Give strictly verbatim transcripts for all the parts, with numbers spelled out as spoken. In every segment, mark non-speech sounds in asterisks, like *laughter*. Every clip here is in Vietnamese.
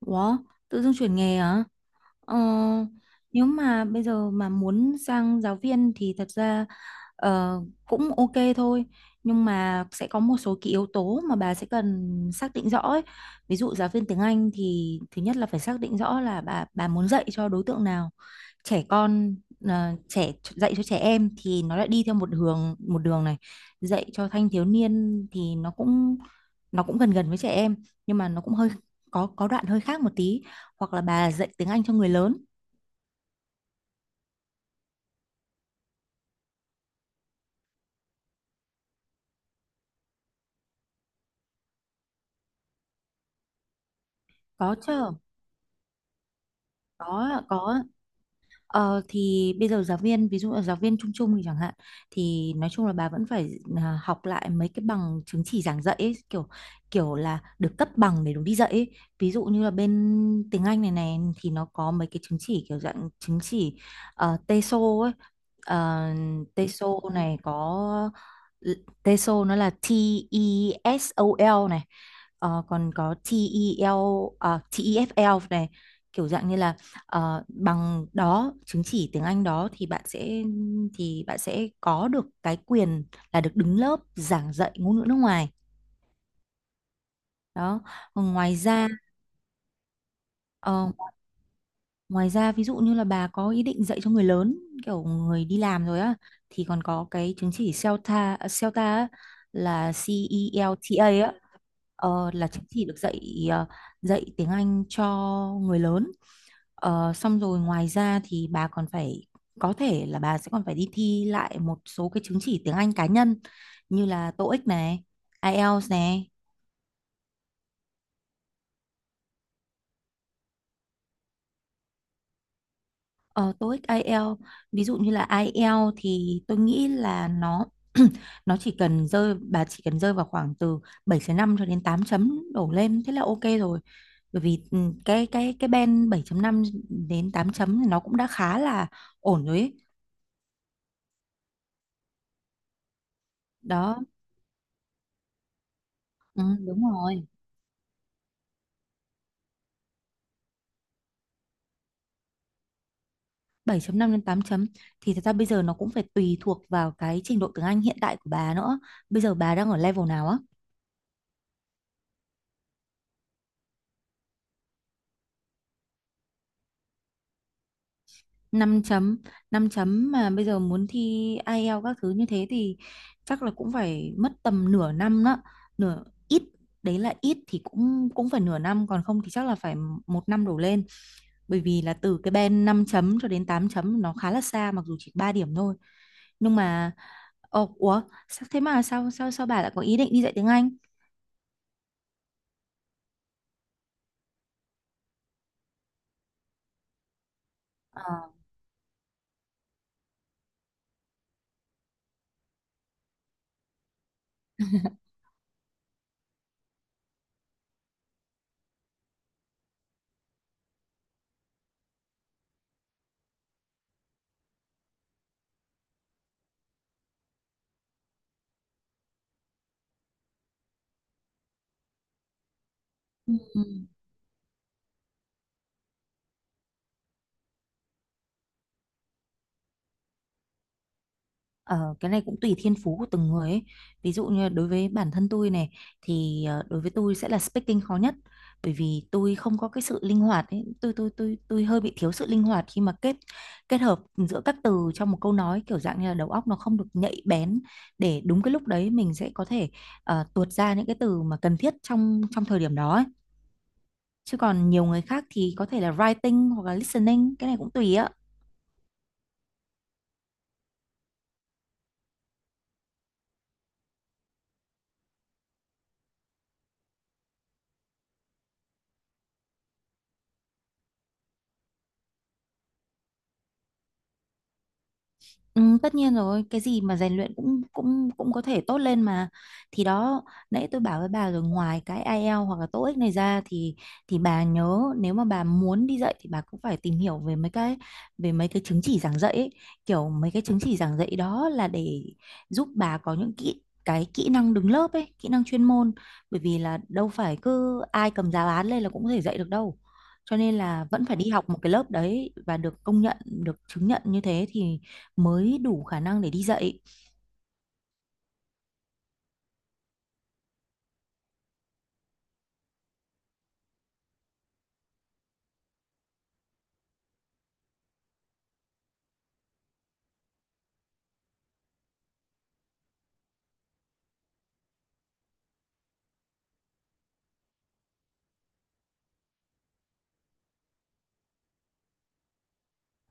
Ủa, tự dưng chuyển nghề hả? Ờ, nếu mà bây giờ mà muốn sang giáo viên thì thật ra ờ, cũng ok thôi. Nhưng mà sẽ có một số cái yếu tố mà bà sẽ cần xác định rõ ấy. Ví dụ giáo viên tiếng Anh thì thứ nhất là phải xác định rõ là bà bà muốn dạy cho đối tượng nào, trẻ con à, trẻ dạy cho trẻ em thì nó lại đi theo một hướng một đường này, dạy cho thanh thiếu niên thì nó cũng nó cũng gần gần với trẻ em, nhưng mà nó cũng hơi có có đoạn hơi khác một tí, hoặc là bà dạy tiếng Anh cho người lớn. Có chứ. Có có Ờ, thì bây giờ giáo viên, ví dụ là giáo viên chung chung thì chẳng hạn, thì nói chung là bà vẫn phải à, học lại mấy cái bằng chứng chỉ giảng dạy ấy, kiểu kiểu là được cấp bằng để đúng đi dạy ấy. Ví dụ như là bên tiếng Anh này này thì nó có mấy cái chứng chỉ kiểu dạng chứng chỉ uh, TESOL ấy. Ờ, TESOL này có, TESOL nó là T E S O L này. Ờ, còn có T E T E TEL à, T E F L này, kiểu dạng như là, ờ, bằng đó chứng chỉ tiếng Anh đó thì bạn sẽ thì bạn sẽ có được cái quyền là được đứng lớp giảng dạy ngôn ngữ nước ngoài đó. Còn ngoài ra, ờ, ngoài ra ví dụ như là bà có ý định dạy cho người lớn, kiểu người đi làm rồi á, thì còn có cái chứng chỉ xeo ta à, C E L T A á, là xeo ta á, ờ, là chứng chỉ được dạy, ờ, dạy tiếng Anh cho người lớn. Ờ, xong rồi ngoài ra thì bà còn phải có thể là bà sẽ còn phải đi thi lại một số cái chứng chỉ tiếng Anh cá nhân như là TOEIC này, IELTS này, ờ, TOEIC, IELTS. Ví dụ như là ai eo thì tôi nghĩ là nó *clears throat* nó chỉ cần rơi bà chỉ cần rơi vào khoảng từ bảy năm cho đến tám chấm đổ lên thế là ok rồi. Bởi vì ừ, cái cái cái band bảy chấm năm đến tám chấm thì nó cũng đã khá là ổn rồi ấy. Đó, ừ, đúng rồi. Bảy chấm năm đến tám chấm thì thật ra bây giờ nó cũng phải tùy thuộc vào cái trình độ tiếng Anh hiện tại của bà nữa. Bây giờ bà đang ở level nào á? Năm chấm, năm chấm mà bây giờ muốn thi ai eo các thứ như thế thì chắc là cũng phải mất tầm nửa năm đó. Nửa ít, đấy là ít thì cũng cũng phải nửa năm, còn không thì chắc là phải một năm đổ lên. Bởi vì là từ cái band năm chấm cho đến tám chấm nó khá là xa, mặc dù chỉ ba điểm thôi. Nhưng mà, ồ, ủa, sao thế mà sao sao sao bà lại có ý định đi dạy tiếng Anh? Ờ. Ừm. Ờ, cái này cũng tùy thiên phú của từng người ấy. Ví dụ như đối với bản thân tôi này, thì ờ, đối với tôi sẽ là speaking khó nhất, bởi vì tôi không có cái sự linh hoạt ấy. Tôi tôi tôi tôi hơi bị thiếu sự linh hoạt khi mà kết kết hợp giữa các từ trong một câu nói, kiểu dạng như là đầu óc nó không được nhạy bén để đúng cái lúc đấy mình sẽ có thể, ờ, tuột ra những cái từ mà cần thiết trong trong thời điểm đó ấy. Chứ còn nhiều người khác thì có thể là writing hoặc là listening, cái này cũng tùy á. Ừ, tất nhiên rồi, cái gì mà rèn luyện cũng cũng cũng có thể tốt lên mà. Thì đó, nãy tôi bảo với bà rồi, ngoài cái ai eo hoặc là tô íc này ra thì thì bà nhớ nếu mà bà muốn đi dạy thì bà cũng phải tìm hiểu về mấy cái về mấy cái chứng chỉ giảng dạy ấy. Kiểu mấy cái chứng chỉ giảng dạy đó là để giúp bà có những kỹ cái kỹ năng đứng lớp ấy, kỹ năng chuyên môn, bởi vì là đâu phải cứ ai cầm giáo án lên là cũng có thể dạy được đâu. Cho nên là vẫn phải đi học một cái lớp đấy và được công nhận, được chứng nhận như thế thì mới đủ khả năng để đi dạy.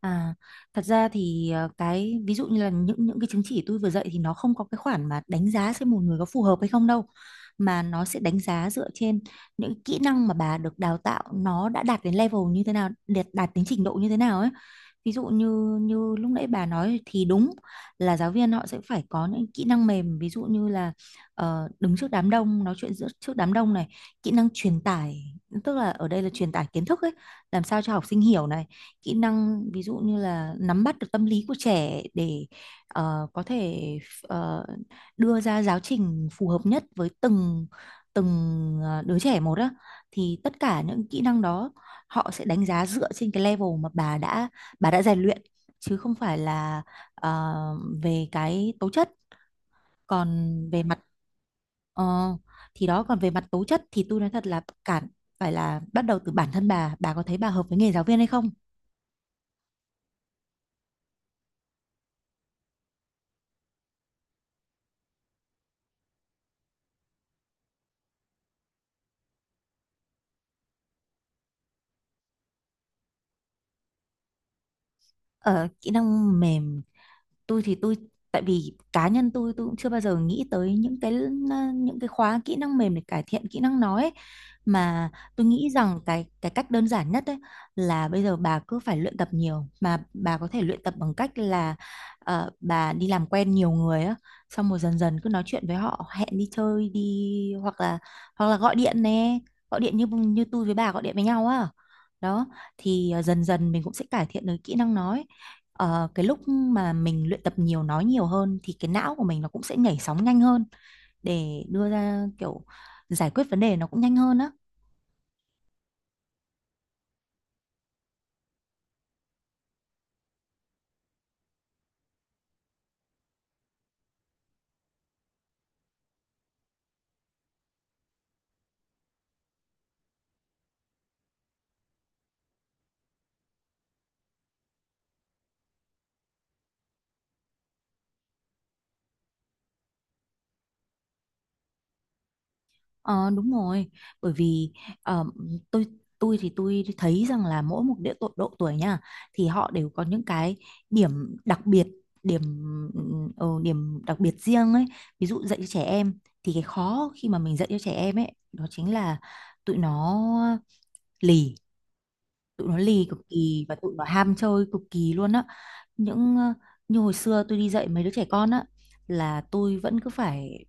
À, thật ra thì, ờ, cái ví dụ như là những những cái chứng chỉ tôi vừa dạy thì nó không có cái khoản mà đánh giá xem một người có phù hợp hay không đâu, mà nó sẽ đánh giá dựa trên những kỹ năng mà bà được đào tạo nó đã đạt đến level như thế nào, đạt đạt đến trình độ như thế nào ấy. Ví dụ như như lúc nãy bà nói thì đúng là giáo viên họ sẽ phải có những kỹ năng mềm, ví dụ như là, ờ, đứng trước đám đông nói chuyện giữa trước đám đông này, kỹ năng truyền tải, tức là ở đây là truyền tải kiến thức ấy, làm sao cho học sinh hiểu này, kỹ năng ví dụ như là nắm bắt được tâm lý của trẻ để, ờ, có thể, ờ, đưa ra giáo trình phù hợp nhất với từng từng, ờ, đứa trẻ một á. Thì tất cả những kỹ năng đó họ sẽ đánh giá dựa trên cái level mà bà đã bà đã rèn luyện, chứ không phải là, ờ, về cái tố chất. Còn về mặt, ờ, thì đó, còn về mặt tố chất thì tôi nói thật là cản phải là bắt đầu từ bản thân bà bà có thấy bà hợp với nghề giáo viên hay không. Ở kỹ năng mềm, tôi thì tôi tại vì cá nhân tôi tôi cũng chưa bao giờ nghĩ tới những cái những cái khóa kỹ năng mềm để cải thiện kỹ năng nói ấy. Mà tôi nghĩ rằng cái cái cách đơn giản nhất ấy là bây giờ bà cứ phải luyện tập nhiều, mà bà có thể luyện tập bằng cách là, ờ, bà đi làm quen nhiều người á, xong rồi dần dần cứ nói chuyện với họ, hẹn đi chơi đi, hoặc là hoặc là gọi điện nè, gọi điện như như tôi với bà gọi điện với nhau á, đó thì, ờ, dần dần mình cũng sẽ cải thiện được kỹ năng nói. Ờ, cái lúc mà mình luyện tập nhiều, nói nhiều hơn, thì cái não của mình nó cũng sẽ nhảy sóng nhanh hơn để đưa ra kiểu giải quyết vấn đề nó cũng nhanh hơn á. Ờ, đúng rồi, bởi vì, ờ, tôi tôi thì tôi thấy rằng là mỗi một địa độ, độ tuổi nha, thì họ đều có những cái điểm đặc biệt, điểm, ờ, điểm đặc biệt riêng ấy. Ví dụ dạy cho trẻ em thì cái khó khi mà mình dạy cho trẻ em ấy đó chính là tụi nó lì, tụi nó lì cực kỳ và tụi nó ham chơi cực kỳ luôn á. Những, ờ, như hồi xưa tôi đi dạy mấy đứa trẻ con á, là tôi vẫn cứ phải,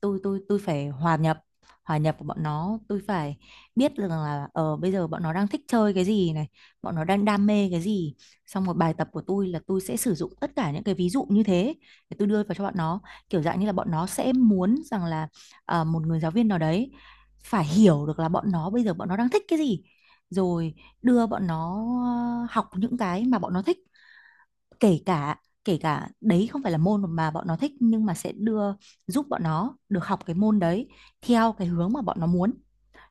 tôi tôi tôi phải hòa nhập, hòa nhập của bọn nó, tôi phải biết rằng là ờ bây giờ bọn nó đang thích chơi cái gì này, bọn nó đang đam mê cái gì, xong một bài tập của tôi là tôi sẽ sử dụng tất cả những cái ví dụ như thế để tôi đưa vào cho bọn nó, kiểu dạng như là bọn nó sẽ muốn rằng là, ờ, một người giáo viên nào đấy phải hiểu được là bọn nó bây giờ bọn nó đang thích cái gì, rồi đưa bọn nó, ờ, học những cái mà bọn nó thích, kể cả kể cả đấy không phải là môn mà bọn nó thích, nhưng mà sẽ đưa, giúp bọn nó được học cái môn đấy theo cái hướng mà bọn nó muốn,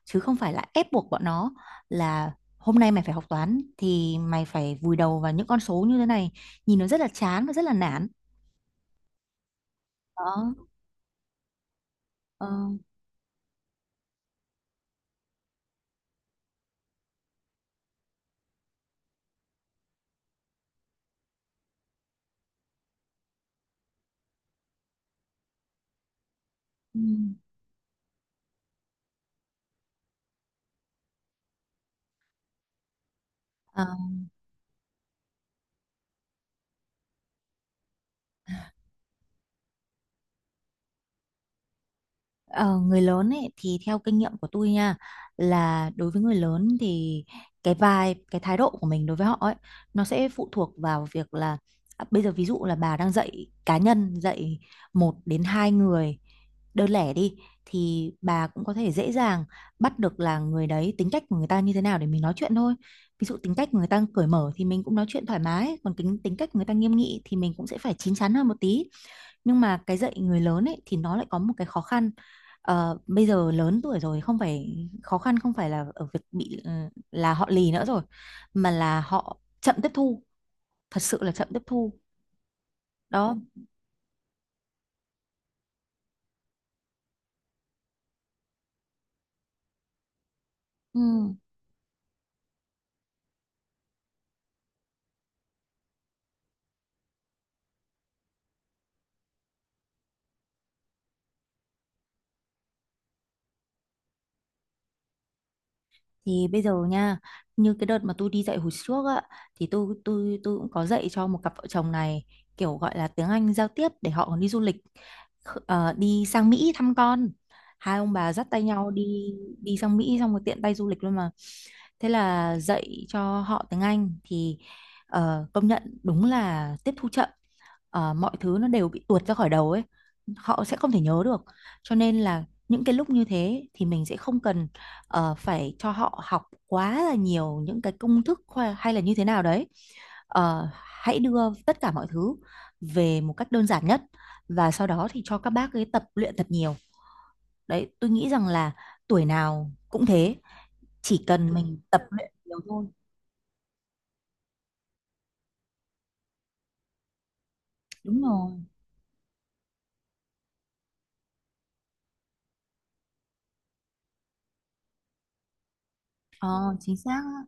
chứ không phải là ép buộc bọn nó là hôm nay mày phải học toán thì mày phải vùi đầu vào những con số như thế này, nhìn nó rất là chán và rất là nản. Đó. Ờ. Ừ. Ờ, người lớn ấy thì theo kinh nghiệm của tôi nha, là đối với người lớn thì cái vibe, cái thái độ của mình đối với họ ấy, nó sẽ phụ thuộc vào việc là, à, bây giờ ví dụ là bà đang dạy cá nhân, dạy một đến hai người đơn lẻ đi, thì bà cũng có thể dễ dàng bắt được là người đấy tính cách của người ta như thế nào để mình nói chuyện thôi. Ví dụ tính cách của người ta cởi mở thì mình cũng nói chuyện thoải mái, còn tính tính cách của người ta nghiêm nghị thì mình cũng sẽ phải chín chắn hơn một tí. Nhưng mà cái dạy người lớn ấy thì nó lại có một cái khó khăn. Ờ, bây giờ lớn tuổi rồi, không phải khó khăn không phải là ở việc bị ừ, là họ lì nữa rồi, mà là họ chậm tiếp thu, thật sự là chậm tiếp thu. Đó. Ừ. Thì bây giờ nha, như cái đợt mà tôi đi dạy hồi trước á, thì tôi tôi tôi cũng có dạy cho một cặp vợ chồng này, kiểu gọi là tiếng Anh giao tiếp để họ còn đi du lịch, kh- ờ, đi sang Mỹ thăm con. Hai ông bà dắt tay nhau đi, đi sang Mỹ xong rồi tiện tay du lịch luôn mà. Thế là dạy cho họ tiếng Anh thì, ờ, công nhận đúng là tiếp thu chậm. Ờ, mọi thứ nó đều bị tuột ra khỏi đầu ấy, họ sẽ không thể nhớ được. Cho nên là những cái lúc như thế thì mình sẽ không cần, ờ, phải cho họ học quá là nhiều những cái công thức khoa- hay là như thế nào đấy. Ờ, hãy đưa tất cả mọi thứ về một cách đơn giản nhất và sau đó thì cho các bác ấy tập luyện thật nhiều. Đấy tôi nghĩ rằng là tuổi nào cũng thế, chỉ cần mình tập luyện nhiều thôi. Đúng rồi. Ờ, chính xác á.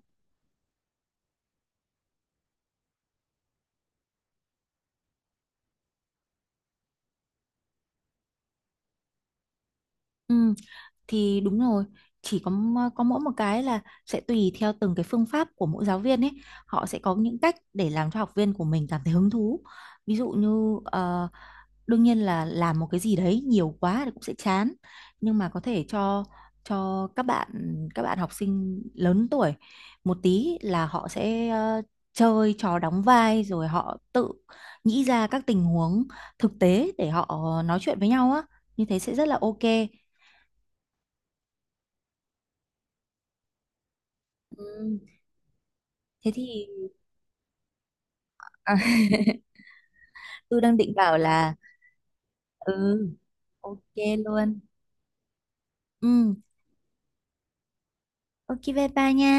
Ừ, thì đúng rồi, chỉ có m- có mỗi một cái là sẽ tùy theo từng cái phương pháp của mỗi giáo viên ấy, họ sẽ có những cách để làm cho học viên của mình cảm thấy hứng thú. Ví dụ như, ờ, đương nhiên là làm một cái gì đấy nhiều quá thì cũng sẽ chán, nhưng mà có thể cho cho các bạn các bạn học sinh lớn tuổi một tí là họ sẽ, ờ, chơi trò đóng vai, rồi họ tự nghĩ ra các tình huống thực tế để họ nói chuyện với nhau á, như thế sẽ rất là ok. Ừm. Thế thì, à, *laughs* tôi đang định bảo là, ừ, ok luôn, ừ, ok bye bye nha.